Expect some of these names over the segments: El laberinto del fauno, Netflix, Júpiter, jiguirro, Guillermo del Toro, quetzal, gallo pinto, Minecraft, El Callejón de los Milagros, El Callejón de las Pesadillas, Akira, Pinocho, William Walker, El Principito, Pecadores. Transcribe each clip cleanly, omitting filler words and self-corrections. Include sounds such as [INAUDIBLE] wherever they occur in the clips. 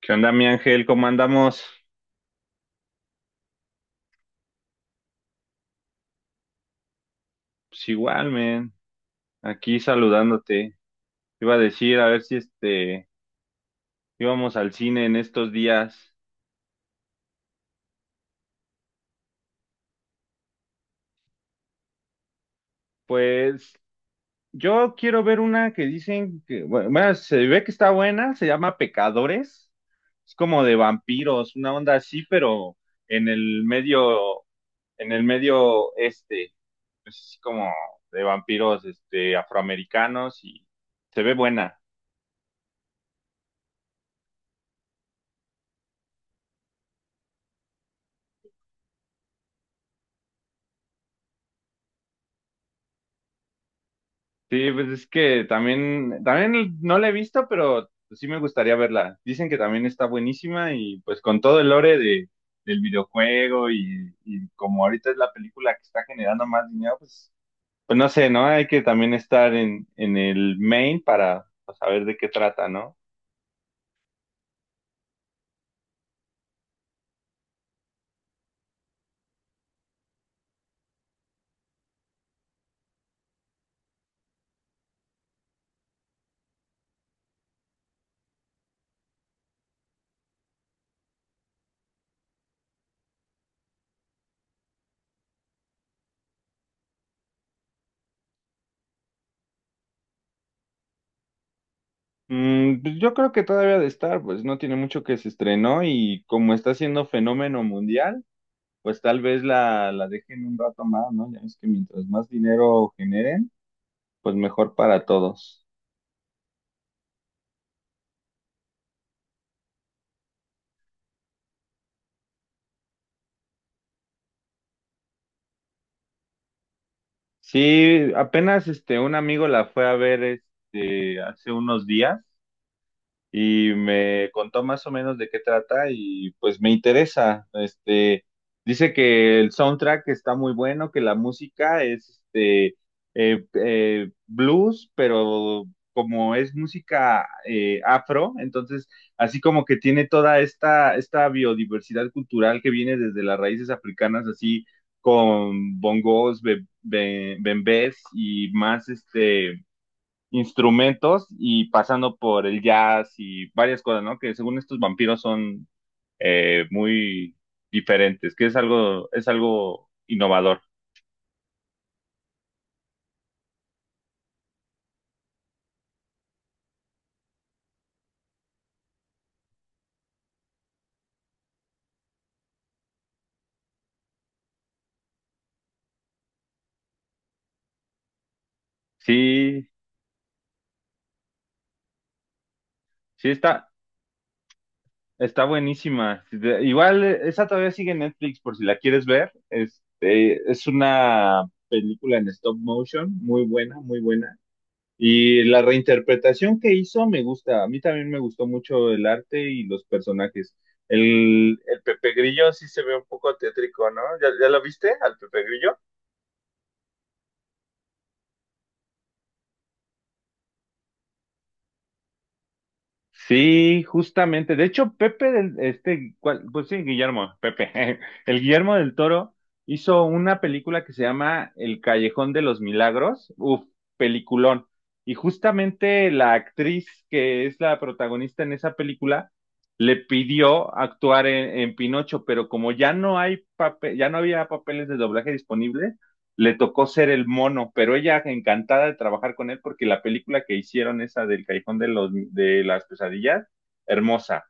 ¿Qué onda, mi Ángel? ¿Cómo andamos? Pues igual, man. Aquí saludándote. Te iba a decir, a ver si íbamos al cine en estos días. Pues yo quiero ver una que dicen que, bueno, bueno, se ve que está buena, se llama Pecadores. Es como de vampiros, una onda así, pero en el medio, en el medio, es como de vampiros afroamericanos y se ve buena. Sí, pues es que también no la he visto, pero pues sí me gustaría verla. Dicen que también está buenísima y pues con todo el lore del videojuego y como ahorita es la película que está generando más dinero, pues, pues no sé, ¿no? Hay que también estar en, el main para pues, saber de qué trata, ¿no? Pues yo creo que todavía de estar, pues no tiene mucho que se estrenó y como está siendo fenómeno mundial, pues tal vez la dejen un rato más, ¿no? Ya ves que mientras más dinero generen, pues mejor para todos. Sí, apenas un amigo la fue a ver hace unos días y me contó más o menos de qué trata y pues me interesa. Dice que el soundtrack está muy bueno, que la música es blues, pero como es música afro, entonces así como que tiene toda esta, esta biodiversidad cultural que viene desde las raíces africanas, así con bongos, bembés y más instrumentos y pasando por el jazz y varias cosas, ¿no? Que según estos vampiros son muy diferentes, que es algo innovador. Sí, sí está buenísima. Igual, esa todavía sigue en Netflix por si la quieres ver. Es una película en stop motion, muy buena, muy buena. Y la reinterpretación que hizo me gusta. A mí también me gustó mucho el arte y los personajes. El Pepe Grillo sí se ve un poco tétrico, ¿no? ¿Ya lo viste al Pepe Grillo? Sí, justamente. De hecho, Pepe del, ¿cuál? Pues sí, Guillermo, Pepe. [LAUGHS] El Guillermo del Toro hizo una película que se llama El Callejón de los Milagros. Uf, peliculón. Y justamente la actriz que es la protagonista en esa película le pidió actuar en Pinocho, pero como ya no hay papel, ya no había papeles de doblaje disponibles, le tocó ser el mono, pero ella encantada de trabajar con él porque la película que hicieron, esa del Callejón de las Pesadillas, hermosa.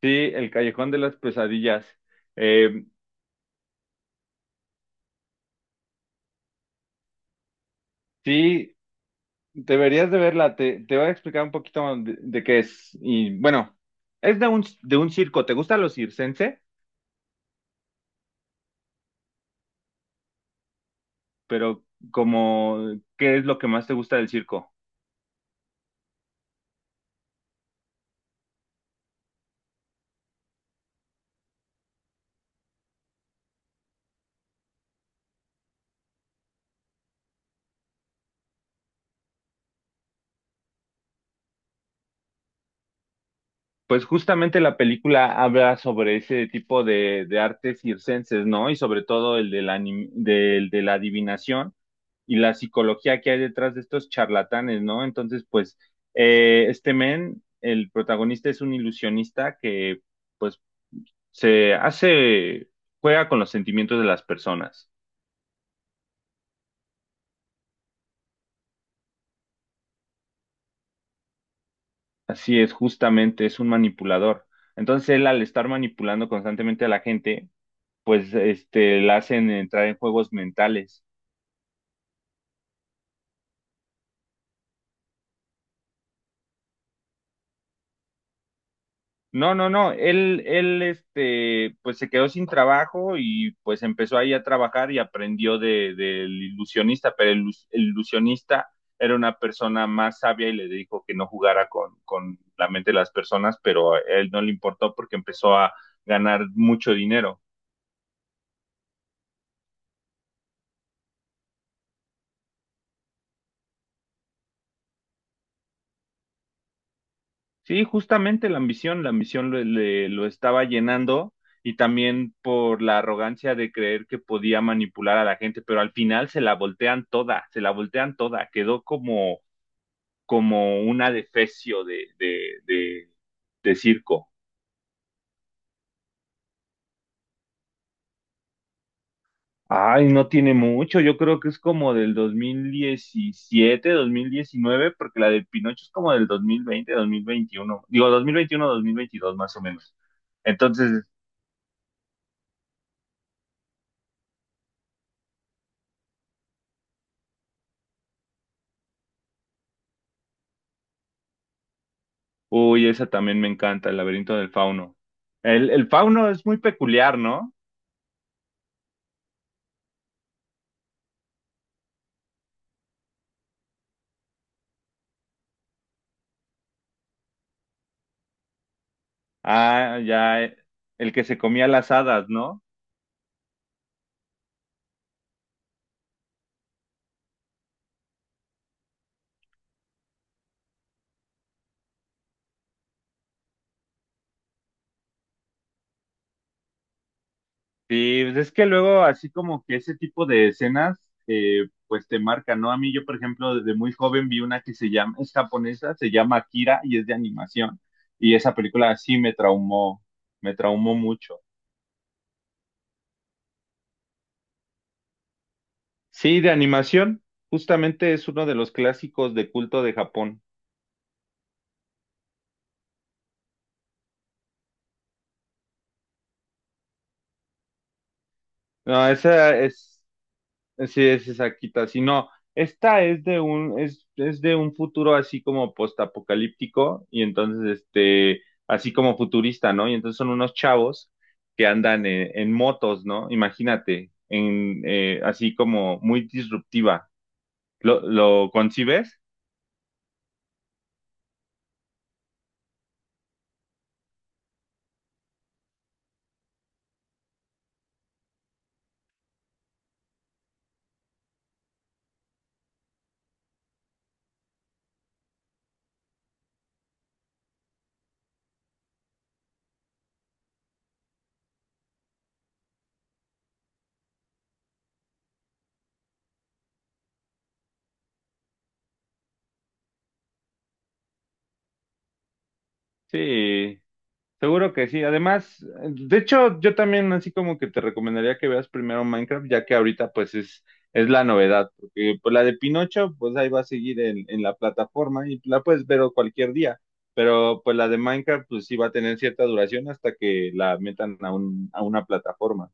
Sí, el Callejón de las Pesadillas. Eh, sí, deberías de verla, te, voy a explicar un poquito de, qué es. Y bueno, es de un circo, ¿te gusta lo circense? Pero como, ¿qué es lo que más te gusta del circo? Pues justamente la película habla sobre ese tipo de artes circenses, ¿no? Y sobre todo el de de la adivinación y la psicología que hay detrás de estos charlatanes, ¿no? Entonces, pues, men, el protagonista es un ilusionista que, pues, se hace, juega con los sentimientos de las personas. Así es, justamente, es un manipulador. Entonces, él al estar manipulando constantemente a la gente, pues, la hacen entrar en juegos mentales. No, no, no, él, pues se quedó sin trabajo y pues empezó ahí a trabajar y aprendió del ilusionista, pero el ilusionista era una persona más sabia y le dijo que no jugara con, la mente de las personas, pero a él no le importó porque empezó a ganar mucho dinero. Sí, justamente la ambición lo estaba llenando y también por la arrogancia de creer que podía manipular a la gente, pero al final se la voltean toda, se la voltean toda, quedó como una defecio de circo. Ay, no tiene mucho, yo creo que es como del dos mil diecisiete, 2019, porque la del Pinocho es como del dos mil veinte, 2021, digo dos mil veintiuno, 2022 más o menos. Entonces, uy, esa también me encanta, el laberinto del fauno. El fauno es muy peculiar, ¿no? Ah, ya, el que se comía las hadas, ¿no? Sí, pues es que luego así como que ese tipo de escenas, pues te marcan, ¿no? A mí yo, por ejemplo, desde muy joven vi una que se llama, es japonesa, se llama Akira y es de animación. Y esa película sí me traumó mucho. Sí, de animación, justamente es uno de los clásicos de culto de Japón. No, esa es. Sí, es exactita, si no, esta es de un futuro así como postapocalíptico, y entonces este, así como futurista, ¿no? Y entonces son unos chavos que andan en, motos, ¿no? Imagínate, en así como muy disruptiva. ¿Lo concibes? Sí, seguro que sí. Además, de hecho, yo también así como que te recomendaría que veas primero Minecraft, ya que ahorita pues es, la novedad, porque pues la de Pinocho pues ahí va a seguir en la plataforma y la puedes ver cualquier día, pero pues la de Minecraft pues sí va a tener cierta duración hasta que la metan a a una plataforma.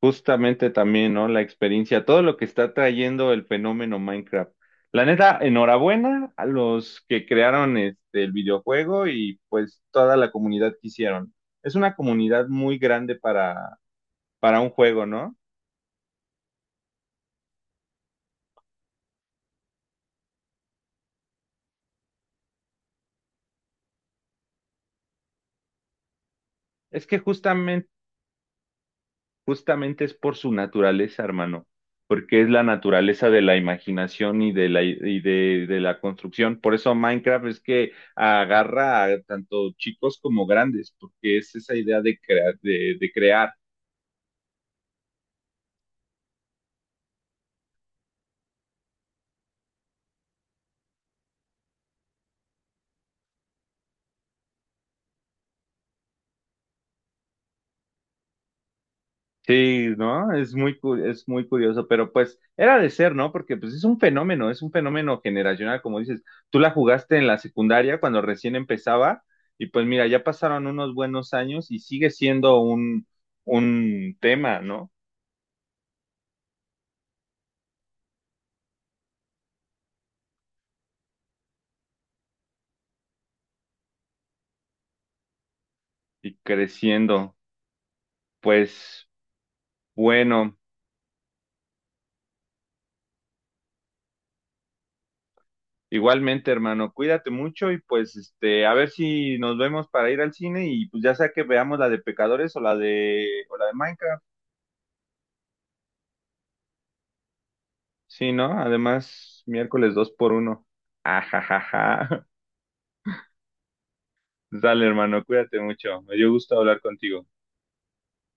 Justamente también, ¿no? La experiencia, todo lo que está trayendo el fenómeno Minecraft. La neta, enhorabuena a los que crearon el videojuego y pues toda la comunidad que hicieron. Es una comunidad muy grande para un juego, ¿no? Es que justamente Justamente es por su naturaleza, hermano, porque es la naturaleza de la imaginación y de la construcción. Por eso Minecraft es que agarra a tanto chicos como grandes, porque es esa idea de crear, de crear. Sí, ¿no? Es muy, es muy curioso, pero pues era de ser, ¿no? Porque pues es un fenómeno generacional, como dices. Tú la jugaste en la secundaria cuando recién empezaba y pues mira, ya pasaron unos buenos años y sigue siendo un, tema, ¿no? Y creciendo. Pues bueno, igualmente, hermano, cuídate mucho y pues este, a ver si nos vemos para ir al cine y pues ya sea que veamos la de Pecadores o la de Minecraft. Sí, ¿no? Además, miércoles 2x1. [LAUGHS] Ajajaja. Dale, hermano, cuídate mucho. Me dio gusto hablar contigo.